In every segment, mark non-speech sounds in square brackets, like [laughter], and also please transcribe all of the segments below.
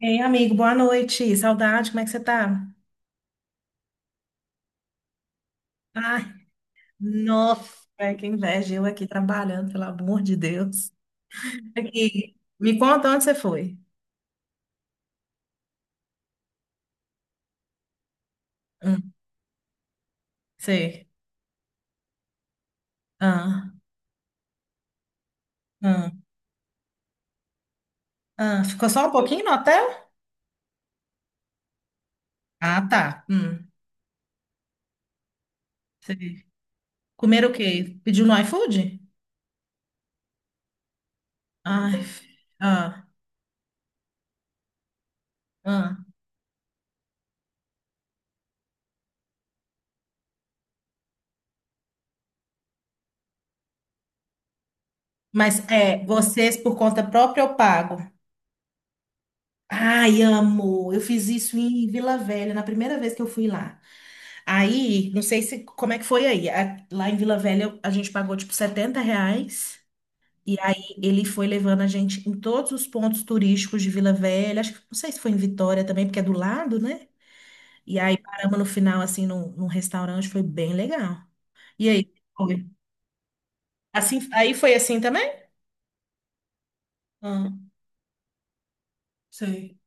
Ei, amigo, boa noite. Saudade, como é que você tá? Ai, nossa, é, que inveja. Eu aqui trabalhando, pelo amor de Deus. Aqui, me conta onde você foi. Hum, sei. Ah, ah, ah. Ficou só um pouquinho no hotel? Ah, tá. Sei. Comer o quê? Pediu no iFood? Ai, ah, ah. Mas é, vocês por conta própria eu pago. Ai, amo. Eu fiz isso em Vila Velha, na primeira vez que eu fui lá. Aí, não sei se como é que foi aí. Lá em Vila Velha a gente pagou tipo R$ 70. E aí ele foi levando a gente em todos os pontos turísticos de Vila Velha. Acho que não sei se foi em Vitória também, porque é do lado, né? E aí paramos no final, assim, num restaurante, foi bem legal. E aí, foi. Assim, aí foi assim também? Ah, sei,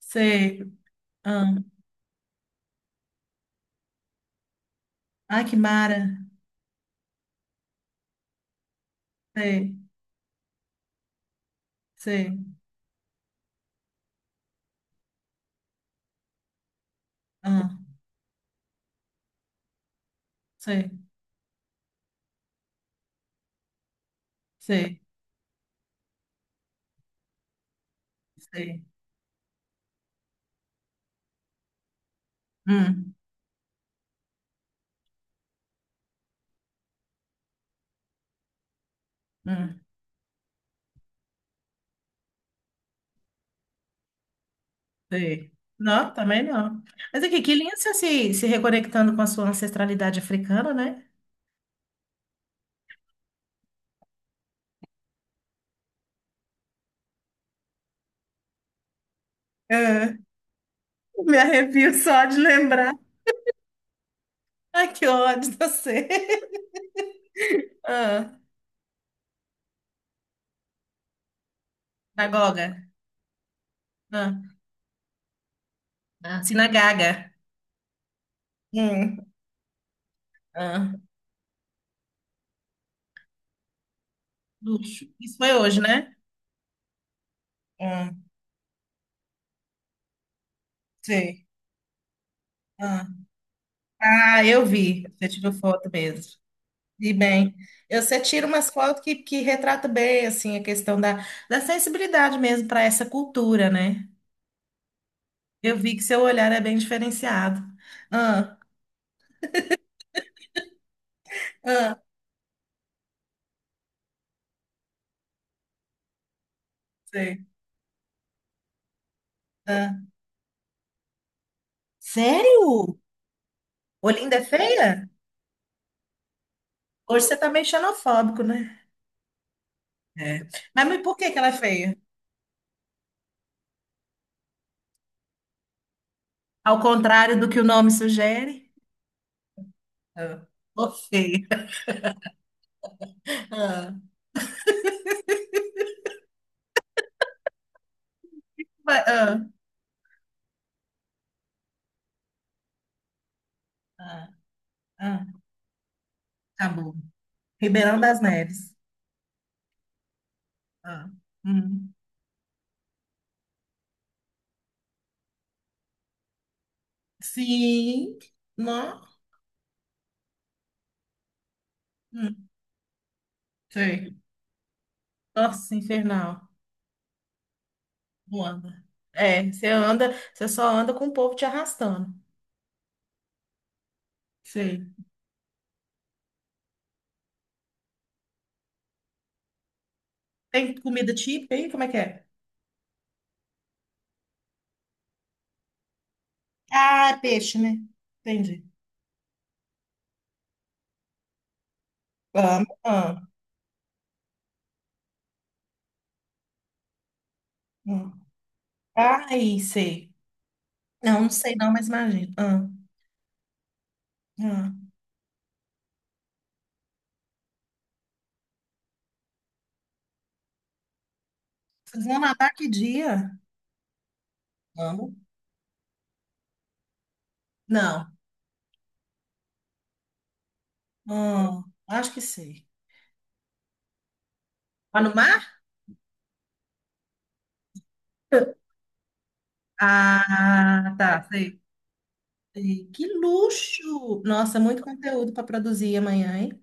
sei. Ah, ai, que mara. Sei, sei. Ah, sei, sei, sei. Hum, hum. Sei. Não, também não. Mas aqui, que lindo você se reconectando com a sua ancestralidade africana, né? Ah, me arrepio só de lembrar. Ai, que ódio de você. [laughs] Ah, Sinagoga. Ah. Ah, Sinagaga. Hum, ah. Luxo. Isso foi hoje, né? Hum, sei. Ah, ah, eu vi. Você tirou foto mesmo. E bem, você tira umas fotos que retrata bem assim a questão da, da sensibilidade mesmo para essa cultura, né? Eu vi que seu olhar é bem diferenciado. Ah, ah, sei. Ah. Sério? Olinda é feia? Hoje você tá meio xenofóbico, né? É. Mas por que que ela é feia? Ao contrário do que o nome sugere? Ah. Ô, feia. Ah. Ah, ah, ah. Acabou. Ribeirão das Neves. Ah. Hum. Sim. Não. Hum. Sei. Nossa, infernal. Não anda. É, você anda, você só anda com o povo te arrastando. Sei. Tem comida típica aí? Como é que é? Ah, é peixe, né? Entendi. Ah, ah, ah. Ai, sei. Não, não sei não, mas imagino. Ah, ah. Vocês vão nadar que dia? Vamos. Não. Ah, acho que sei. Lá no mar? Ah, tá, sei. Sei. Que luxo! Nossa, muito conteúdo para produzir amanhã, hein?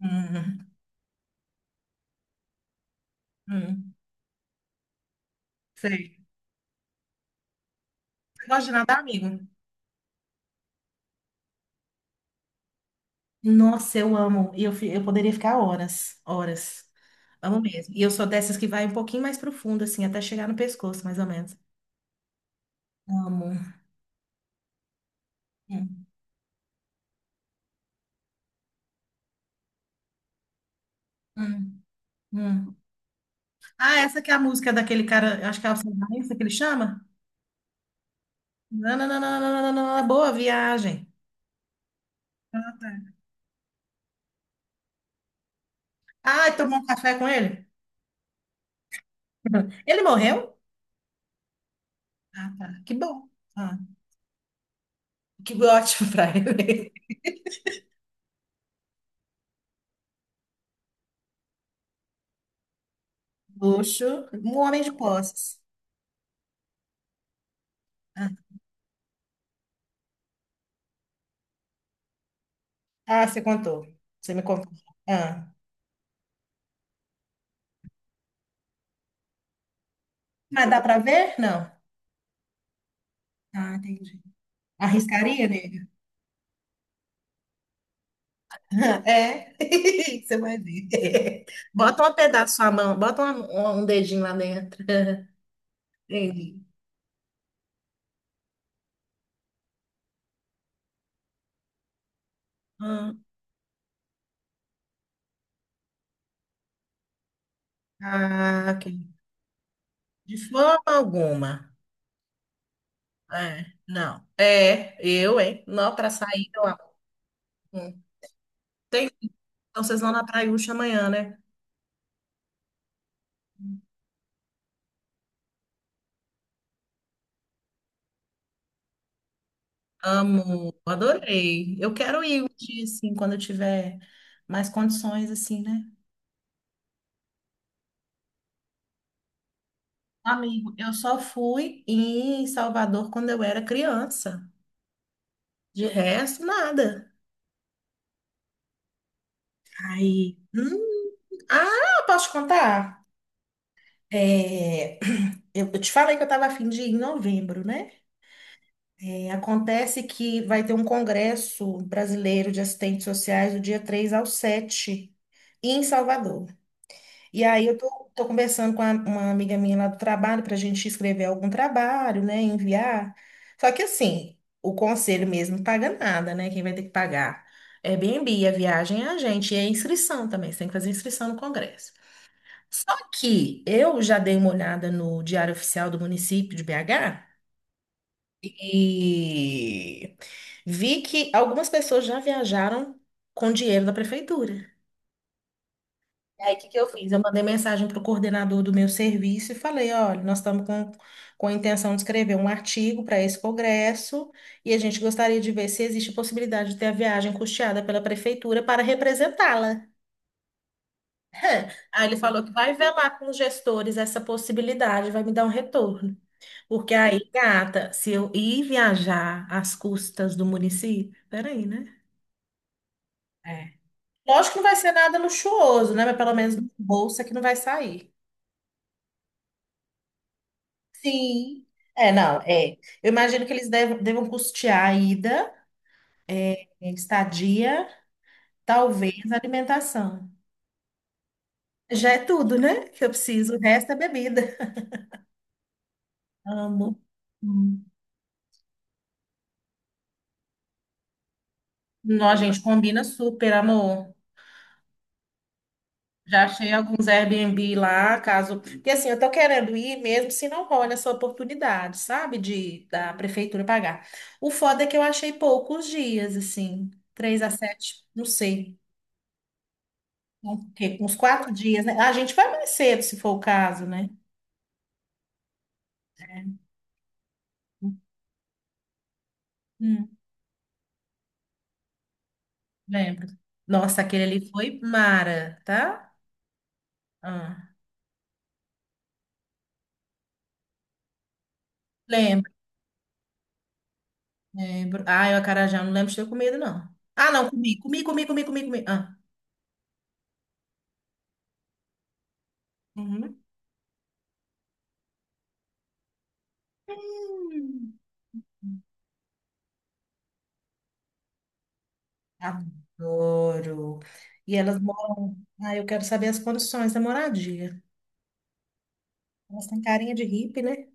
Hum, hum. Sei. Você gosta de nadar, amigo? Nossa, eu amo. E eu, eu poderia ficar horas, horas. Amo mesmo. E eu sou dessas que vai um pouquinho mais profundo, assim, até chegar no pescoço, mais ou menos. Amo. Hum, hum, hum. Ah, essa que é a música daquele cara, eu acho que é o Silvarense que ele chama? Nananana, boa viagem. Ah, tomou um café com ele? [laughs] Ele morreu? Ah, tá. Que bom. Ah, que [laughs] ótimo pra ele. [laughs] Luxo, um homem de posses. Ah, ah, você contou. Você me contou. Ah. Mas dá pra ver? Não. Ah, entendi. Arriscaria, nega? [laughs] É, [laughs] você vai ver. [laughs] Bota um pedaço da sua mão, bota um dedinho lá dentro. [laughs] Entendi. Hum, Ah, ok. De forma alguma. É, não. É, eu, hein? Não, pra sair, eu amo. Hum, Tem. Então vocês vão na Praiúcha amanhã, né? Amo, adorei. Eu quero ir um dia, assim, quando eu tiver mais condições, assim, né? Amigo, eu só fui em Salvador quando eu era criança. De resto, nada. Aí, hum, ah, posso te contar? É, [clears throat] Eu te falei que eu estava a fim de ir em novembro, né? É, acontece que vai ter um congresso brasileiro de assistentes sociais do dia 3 ao 7 em Salvador. E aí eu tô conversando com uma amiga minha lá do trabalho para a gente escrever algum trabalho, né, enviar. Só que assim, o conselho mesmo não paga nada, né? Quem vai ter que pagar é Airbnb, a viagem é a gente e a inscrição também. Você tem que fazer inscrição no Congresso. Só que eu já dei uma olhada no Diário Oficial do município de BH e vi que algumas pessoas já viajaram com dinheiro da prefeitura. Aí, o que que eu fiz? Eu mandei mensagem para o coordenador do meu serviço e falei: olha, nós estamos com a intenção de escrever um artigo para esse congresso e a gente gostaria de ver se existe a possibilidade de ter a viagem custeada pela prefeitura para representá-la. [laughs] Aí ele falou que vai velar com os gestores essa possibilidade, vai me dar um retorno. Porque aí, gata, se eu ir viajar às custas do município, peraí, né? É. Lógico que não vai ser nada luxuoso, né? Mas pelo menos bolsa que não vai sair. Sim. É, não, é. Eu imagino que eles devam custear a ida, a estadia, talvez a alimentação. Já é tudo, né? Que eu preciso. O resto é bebida. Amo. Hum. Não, a gente combina super, amor. Já achei alguns Airbnb lá, caso. Porque assim, eu tô querendo ir mesmo se não rola essa oportunidade, sabe? De da prefeitura pagar. O foda é que eu achei poucos dias, assim, 3 a 7, não sei. Porque uns 4 dias, né? Ah, a gente vai mais cedo, se for o caso, né? Hum, lembro. Nossa, aquele ali foi mara, tá? Ah, lembro, lembro. Ah, eu acarajé, eu não lembro de ter comido, não. Ah, não, comi, comi, comi, comi, comi, comi. Ah. Uhum. Hum, adoro. E elas moram. Ah, eu quero saber as condições da moradia. Elas têm carinha de hippie, né?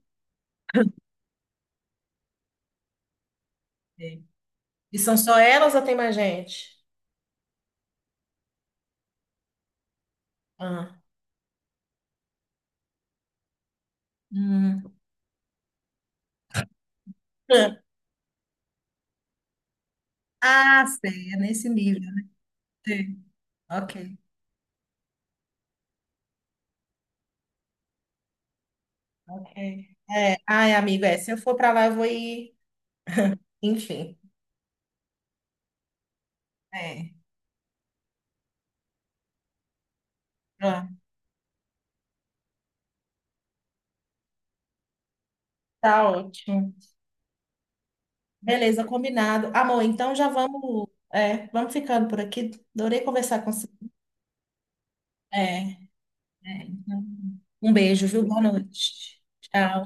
É. E são só elas ou tem mais gente? Ah, hum. Ah, sei, é nesse nível. Ok, ok. É, ai, amigo, é, se eu for pra lá, eu vou ir. Enfim, é, pronto. Tá ótimo. Beleza, combinado. Amor, então já vamos, é, vamos ficando por aqui. Adorei conversar com você. É, é. Então, um beijo, viu? Boa noite. Tchau.